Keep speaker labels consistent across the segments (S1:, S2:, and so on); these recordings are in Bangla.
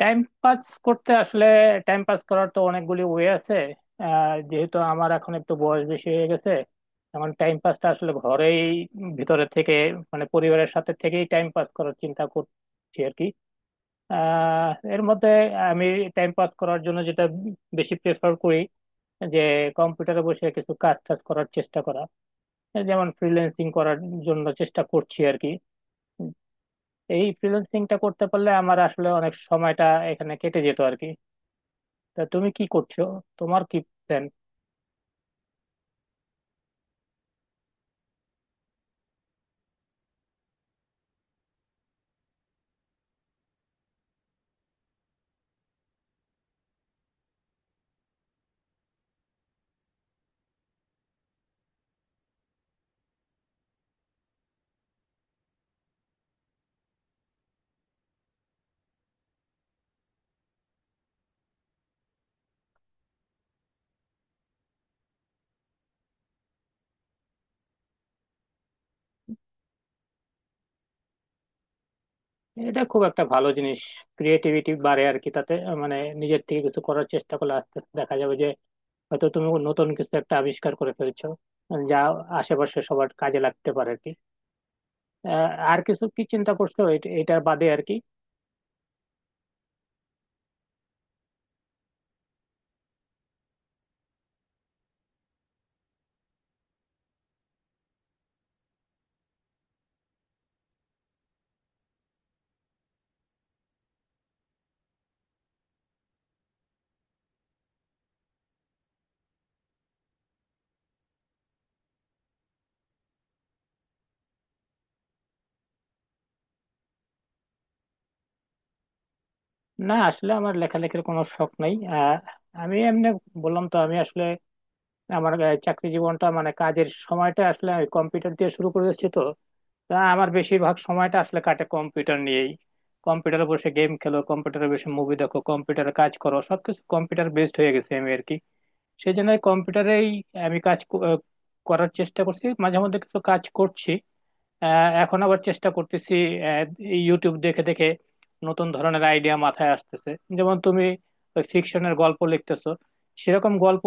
S1: টাইম পাস করতে আসলে টাইম পাস করার তো অনেকগুলি ওয়ে আছে। যেহেতু আমার এখন একটু বয়স বেশি হয়ে গেছে, এখন টাইম পাসটা আসলে ঘরেই ভিতরে থেকে, মানে পরিবারের সাথে থেকেই টাইম পাস করার চিন্তা করছি আর কি। আহ, এর মধ্যে আমি টাইম পাস করার জন্য যেটা বেশি প্রেফার করি যে কম্পিউটারে বসে কিছু কাজ টাজ করার চেষ্টা করা, যেমন ফ্রিল্যান্সিং করার জন্য চেষ্টা করছি আর কি। এই ফ্রিল্যান্সিংটা করতে পারলে আমার আসলে অনেক সময়টা এখানে কেটে যেত আর কি। তা তুমি কি করছো? তোমার কি প্ল্যান? এটা খুব একটা ভালো জিনিস, ক্রিয়েটিভিটি বাড়ে আর কি তাতে। মানে নিজের থেকে কিছু করার চেষ্টা করলে আস্তে আস্তে দেখা যাবে যে হয়তো তুমি নতুন কিছু একটা আবিষ্কার করে ফেলছো, যা আশেপাশে সবার কাজে লাগতে পারে আর কি। আর কিছু কি চিন্তা করছো এটার বাদে আর কি? না আসলে আমার লেখালেখির কোনো শখ নাই। আমি এমনি বললাম তো, আমি আসলে আমার চাকরি জীবনটা মানে কাজের সময়টা আসলে কম্পিউটার দিয়ে শুরু করেছি, তো তা আমার বেশিরভাগ সময়টা আসলে কাটে কম্পিউটার নিয়েই। কম্পিউটারে বসে গেম খেলো, কম্পিউটারে বসে মুভি দেখো, কম্পিউটারে কাজ করো, সবকিছু কম্পিউটার বেসড হয়ে গেছে আমি আর কি। সেই জন্য কম্পিউটারেই আমি করার চেষ্টা করছি, মাঝে মধ্যে কিছু কাজ করছি। এখন আবার চেষ্টা করতেছি আহ, ইউটিউব দেখে দেখে নতুন ধরনের আইডিয়া মাথায় আসতেছে। যেমন তুমি ওই ফিকশনের গল্প লিখতেছো, সেরকম গল্প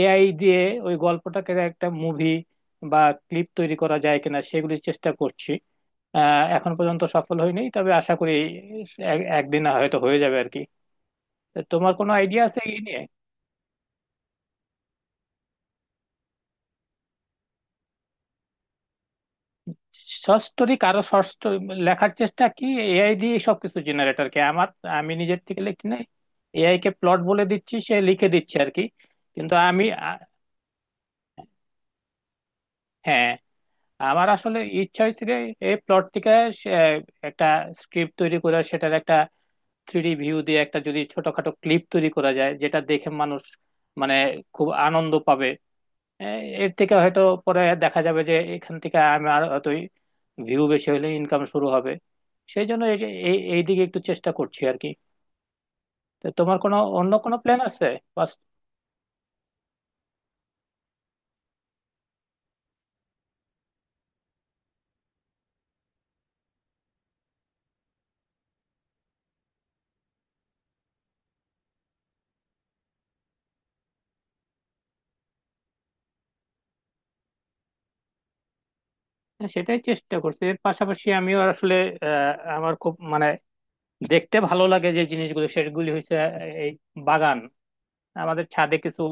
S1: এআই দিয়ে ওই গল্পটাকে একটা মুভি বা ক্লিপ তৈরি করা যায় কিনা সেগুলির চেষ্টা করছি। এখন পর্যন্ত সফল হয়নি, তবে আশা করি একদিন হয়তো হয়ে যাবে আর কি। তো তোমার কোনো আইডিয়া আছে এই নিয়ে? সস্তরিক আরো সস্ত লেখার চেষ্টা কি এআই দিয়ে সবকিছু জেনারেটর কে আমার আমি নিজের থেকে লিখি নাই, এআই কে প্লট বলে দিচ্ছি, সে লিখে দিচ্ছে আর কি। কিন্তু আমি আ- হ্যাঁ, আমার আসলে ইচ্ছা হয়েছিল এই প্লট থেকে সে একটা স্ক্রিপ্ট তৈরি করে সেটার একটা থ্রিডি ভিউ দিয়ে একটা যদি ছোটখাটো ক্লিপ তৈরি করা যায় যেটা দেখে মানুষ মানে খুব আনন্দ পাবে। হ্যাঁ, এর থেকে হয়তো পরে দেখা যাবে যে এখান থেকে আমি আর হয়তোই ভিউ বেশি হলে ইনকাম শুরু হবে। সেই জন্য এই যে- এই এই দিকে একটু চেষ্টা করছি আর কি। তো তোমার কোনো অন্য কোনো প্ল্যান আছে? বাস, হ্যাঁ, সেটাই চেষ্টা করছি। এর পাশাপাশি আমিও আসলে আমার খুব মানে দেখতে ভালো লাগে যে জিনিসগুলো সেগুলি হচ্ছে এই বাগান। আমাদের ছাদে কিছু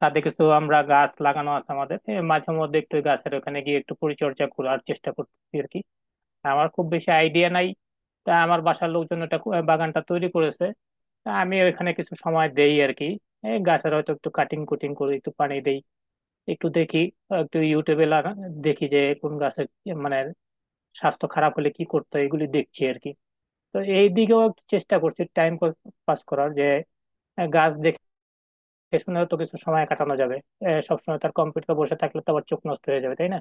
S1: ছাদে কিছু আমরা গাছ লাগানো আছে আমাদের। মাঝে মধ্যে একটু গাছের ওখানে গিয়ে একটু পরিচর্যা করার চেষ্টা করছি আর কি। আমার খুব বেশি আইডিয়া নাই, তা আমার বাসার লোকজন এটা বাগানটা তৈরি করেছে, তা আমি ওইখানে কিছু সময় দেই আর কি। এই গাছের হয়তো একটু কাটিং কুটিং করি, একটু পানি দেই, একটু দেখি, একটু ইউটিউবে লাগা দেখি যে কোন গাছের মানে স্বাস্থ্য খারাপ হলে কি করতে হয় এগুলি দেখছি আর কি। তো এই দিকেও একটু চেষ্টা করছি টাইম পাস করার যে গাছ দেখে শুনেও তো কিছু সময় কাটানো যাবে। সবসময় তার কম্পিউটার বসে থাকলে তো আবার চোখ নষ্ট হয়ে যাবে, তাই না?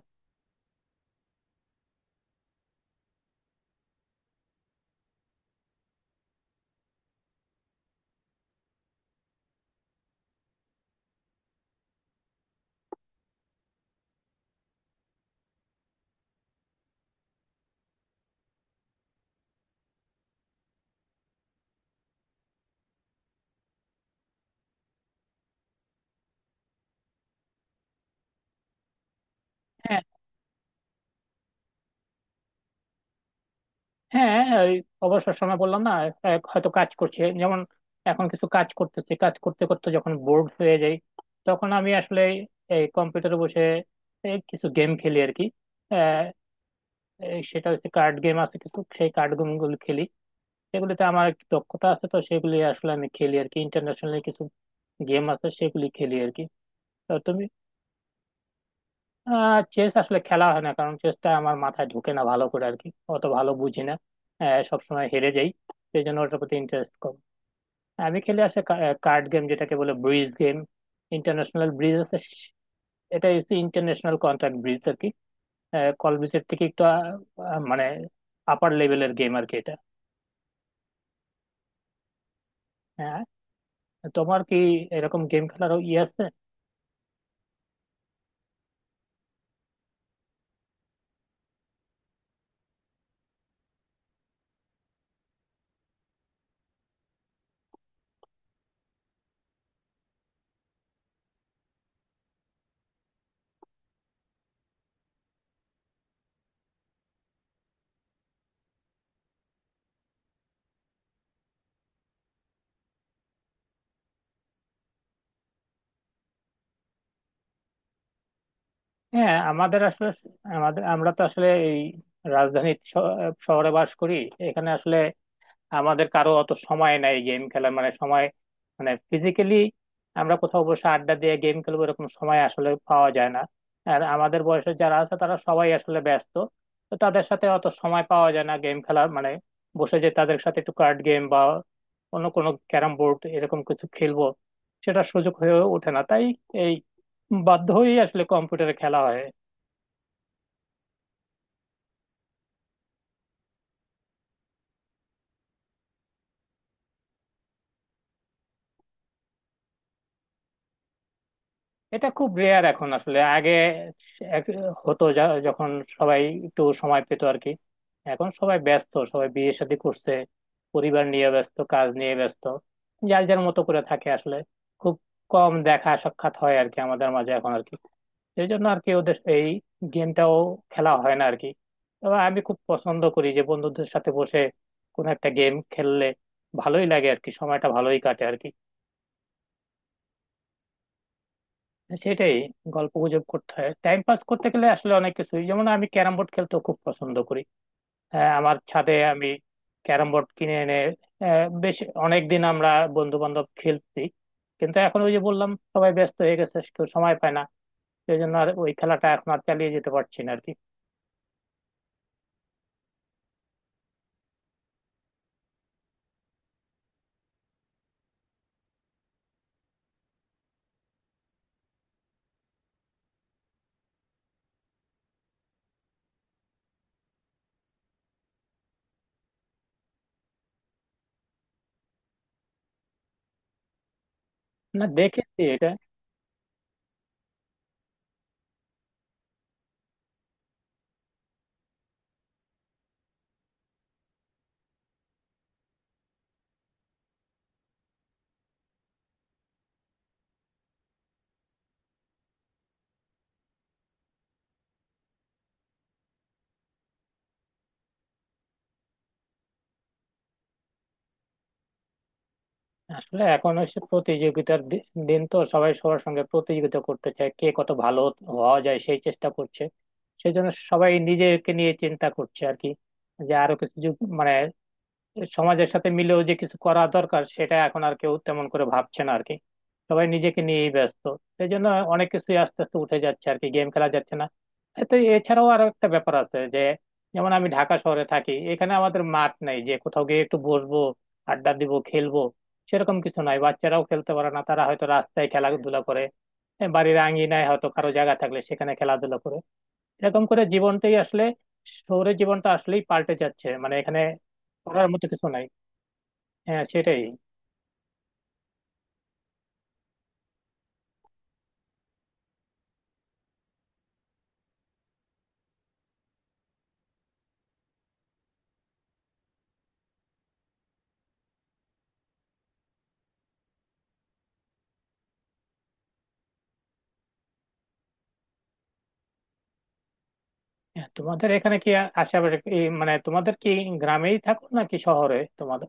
S1: হ্যাঁ হ্যাঁ, ওই অবসর সময় বললাম না, হয়তো কাজ করছে। যেমন এখন কিছু কাজ করতেছি, কাজ করতে করতে যখন বোর্ড হয়ে যাই তখন আমি আসলে এই কম্পিউটারে বসে এই কিছু গেম খেলি আর কি। আহ, এই সেটা হচ্ছে কার্ড গেম আছে কিছু, সেই কার্ড গেম গুলো খেলি। সেগুলিতে আমার একটু দক্ষতা আছে তো সেগুলি আসলে আমি খেলি আর কি। ইন্টারন্যাশনাল কিছু গেম আছে সেগুলি খেলি আর কি। তো তুমি চেস আসলে খেলা হয় না, কারণ চেসটা আমার মাথায় ঢুকে না ভালো করে আর কি। অত ভালো বুঝি না। সবসময় হেরে যাই, সেই জন্য ওটার প্রতি ইন্টারেস্ট কম। আমি খেলে আসে কার্ড গেম যেটাকে বলে ব্রিজ গেম, ইন্টারন্যাশনাল ব্রিজ আছে। এটা হচ্ছে ইন্টারন্যাশনাল কন্ট্রাক্ট ব্রিজ আর কি। কল ব্রিজের থেকে একটু মানে আপার লেভেলের গেম আর কি এটা। হ্যাঁ। তোমার কি এরকম গেম খেলার ইয়ে আছে? হ্যাঁ, আমাদের আসলে আমাদের আমরা তো আসলে এই রাজধানীর শহরে বাস করি। এখানে আসলে আমাদের কারো অত সময় নাই গেম খেলার, মানে সময়, মানে ফিজিক্যালি আমরা কোথাও বসে আড্ডা দিয়ে গেম খেলবো এরকম সময় আসলে পাওয়া যায় না। আর আমাদের বয়সে যারা আছে তারা সবাই আসলে ব্যস্ত, তো তাদের সাথে অত সময় পাওয়া যায় না গেম খেলার, মানে বসে যে তাদের সাথে একটু কার্ড গেম বা অন্য কোনো ক্যারাম বোর্ড এরকম কিছু খেলবো, সেটা সুযোগ হয়ে ওঠে না, তাই এই বাধ্য হয়েই আসলে কম্পিউটারে খেলা হয়। এটা খুব রেয়ার এখন আসলে। আগে এক- হতো, যখন সবাই একটু সময় পেত আর কি। এখন সবাই ব্যস্ত, সবাই বিয়ে শাদী করছে, পরিবার নিয়ে ব্যস্ত, কাজ নিয়ে ব্যস্ত, যার যার মতো করে থাকে আসলে। খুব কম দেখা সাক্ষাৎ হয় আর কি আমাদের মাঝে এখন আর কি। এই জন্য আর কি ওদের এই গেমটাও খেলা হয় না আর কি। তবে আমি খুব পছন্দ করি যে বন্ধুদের সাথে বসে কোনো একটা গেম খেললে ভালোই লাগে আর কি, সময়টা ভালোই কাটে আর কি। সেটাই। গল্প গুজব করতে হয় টাইম পাস করতে গেলে, আসলে অনেক কিছুই। যেমন আমি ক্যারাম বোর্ড খেলতে খুব পছন্দ করি। আমার ছাদে আমি ক্যারাম বোর্ড কিনে এনে বেশ অনেকদিন আমরা বন্ধু বান্ধব খেলছি, কিন্তু এখন ওই যে বললাম সবাই ব্যস্ত হয়ে গেছে, কেউ সময় পায় না। সেই জন্য আর ওই খেলাটা এখন আর চালিয়ে যেতে পারছি না আর কি। না দেখেছি এটা। আসলে এখন হচ্ছে প্রতিযোগিতার দিন, তো সবাই সবার সঙ্গে প্রতিযোগিতা করতে চায়, কে কত ভালো হওয়া যায় সেই চেষ্টা করছে। সেই জন্য সবাই নিজেকে নিয়ে চিন্তা করছে আর কি। যে আরো কিছু মানে সমাজের সাথে মিলেও যে কিছু করা দরকার সেটা এখন আর কেউ তেমন করে ভাবছে না আর কি। সবাই নিজেকে নিয়েই ব্যস্ত। সেই জন্য অনেক কিছুই আস্তে আস্তে উঠে যাচ্ছে আর কি, গেম খেলা যাচ্ছে না। এ তো এছাড়াও আরো একটা ব্যাপার আছে যে, যেমন আমি ঢাকা শহরে থাকি, এখানে আমাদের মাঠ নেই যে কোথাও গিয়ে একটু বসবো, আড্ডা দিব, খেলবো, সেরকম কিছু নাই। বাচ্চারাও খেলতে পারে না, তারা হয়তো রাস্তায় খেলাধুলা করে, বাড়ির আঙিনায় হয়তো কারো জায়গা থাকলে সেখানে খেলাধুলা করে। এরকম করে জীবনটাই আসলে শহুরে জীবনটা আসলেই পাল্টে যাচ্ছে, মানে এখানে করার মতো কিছু নাই। হ্যাঁ সেটাই। হ্যাঁ, তোমাদের এখানে কি আশেপাশে এই মানে তোমাদের কি গ্রামেই থাকো নাকি শহরে তোমাদের?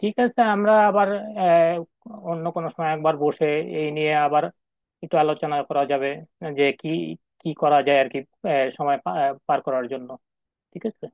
S1: ঠিক আছে, আমরা আবার আহ, অন্য কোনো সময় একবার বসে এই নিয়ে আবার একটু আলোচনা করা যাবে যে কি কি করা যায় আর কি। সময় পার করার জন্য। ঠিক আছে।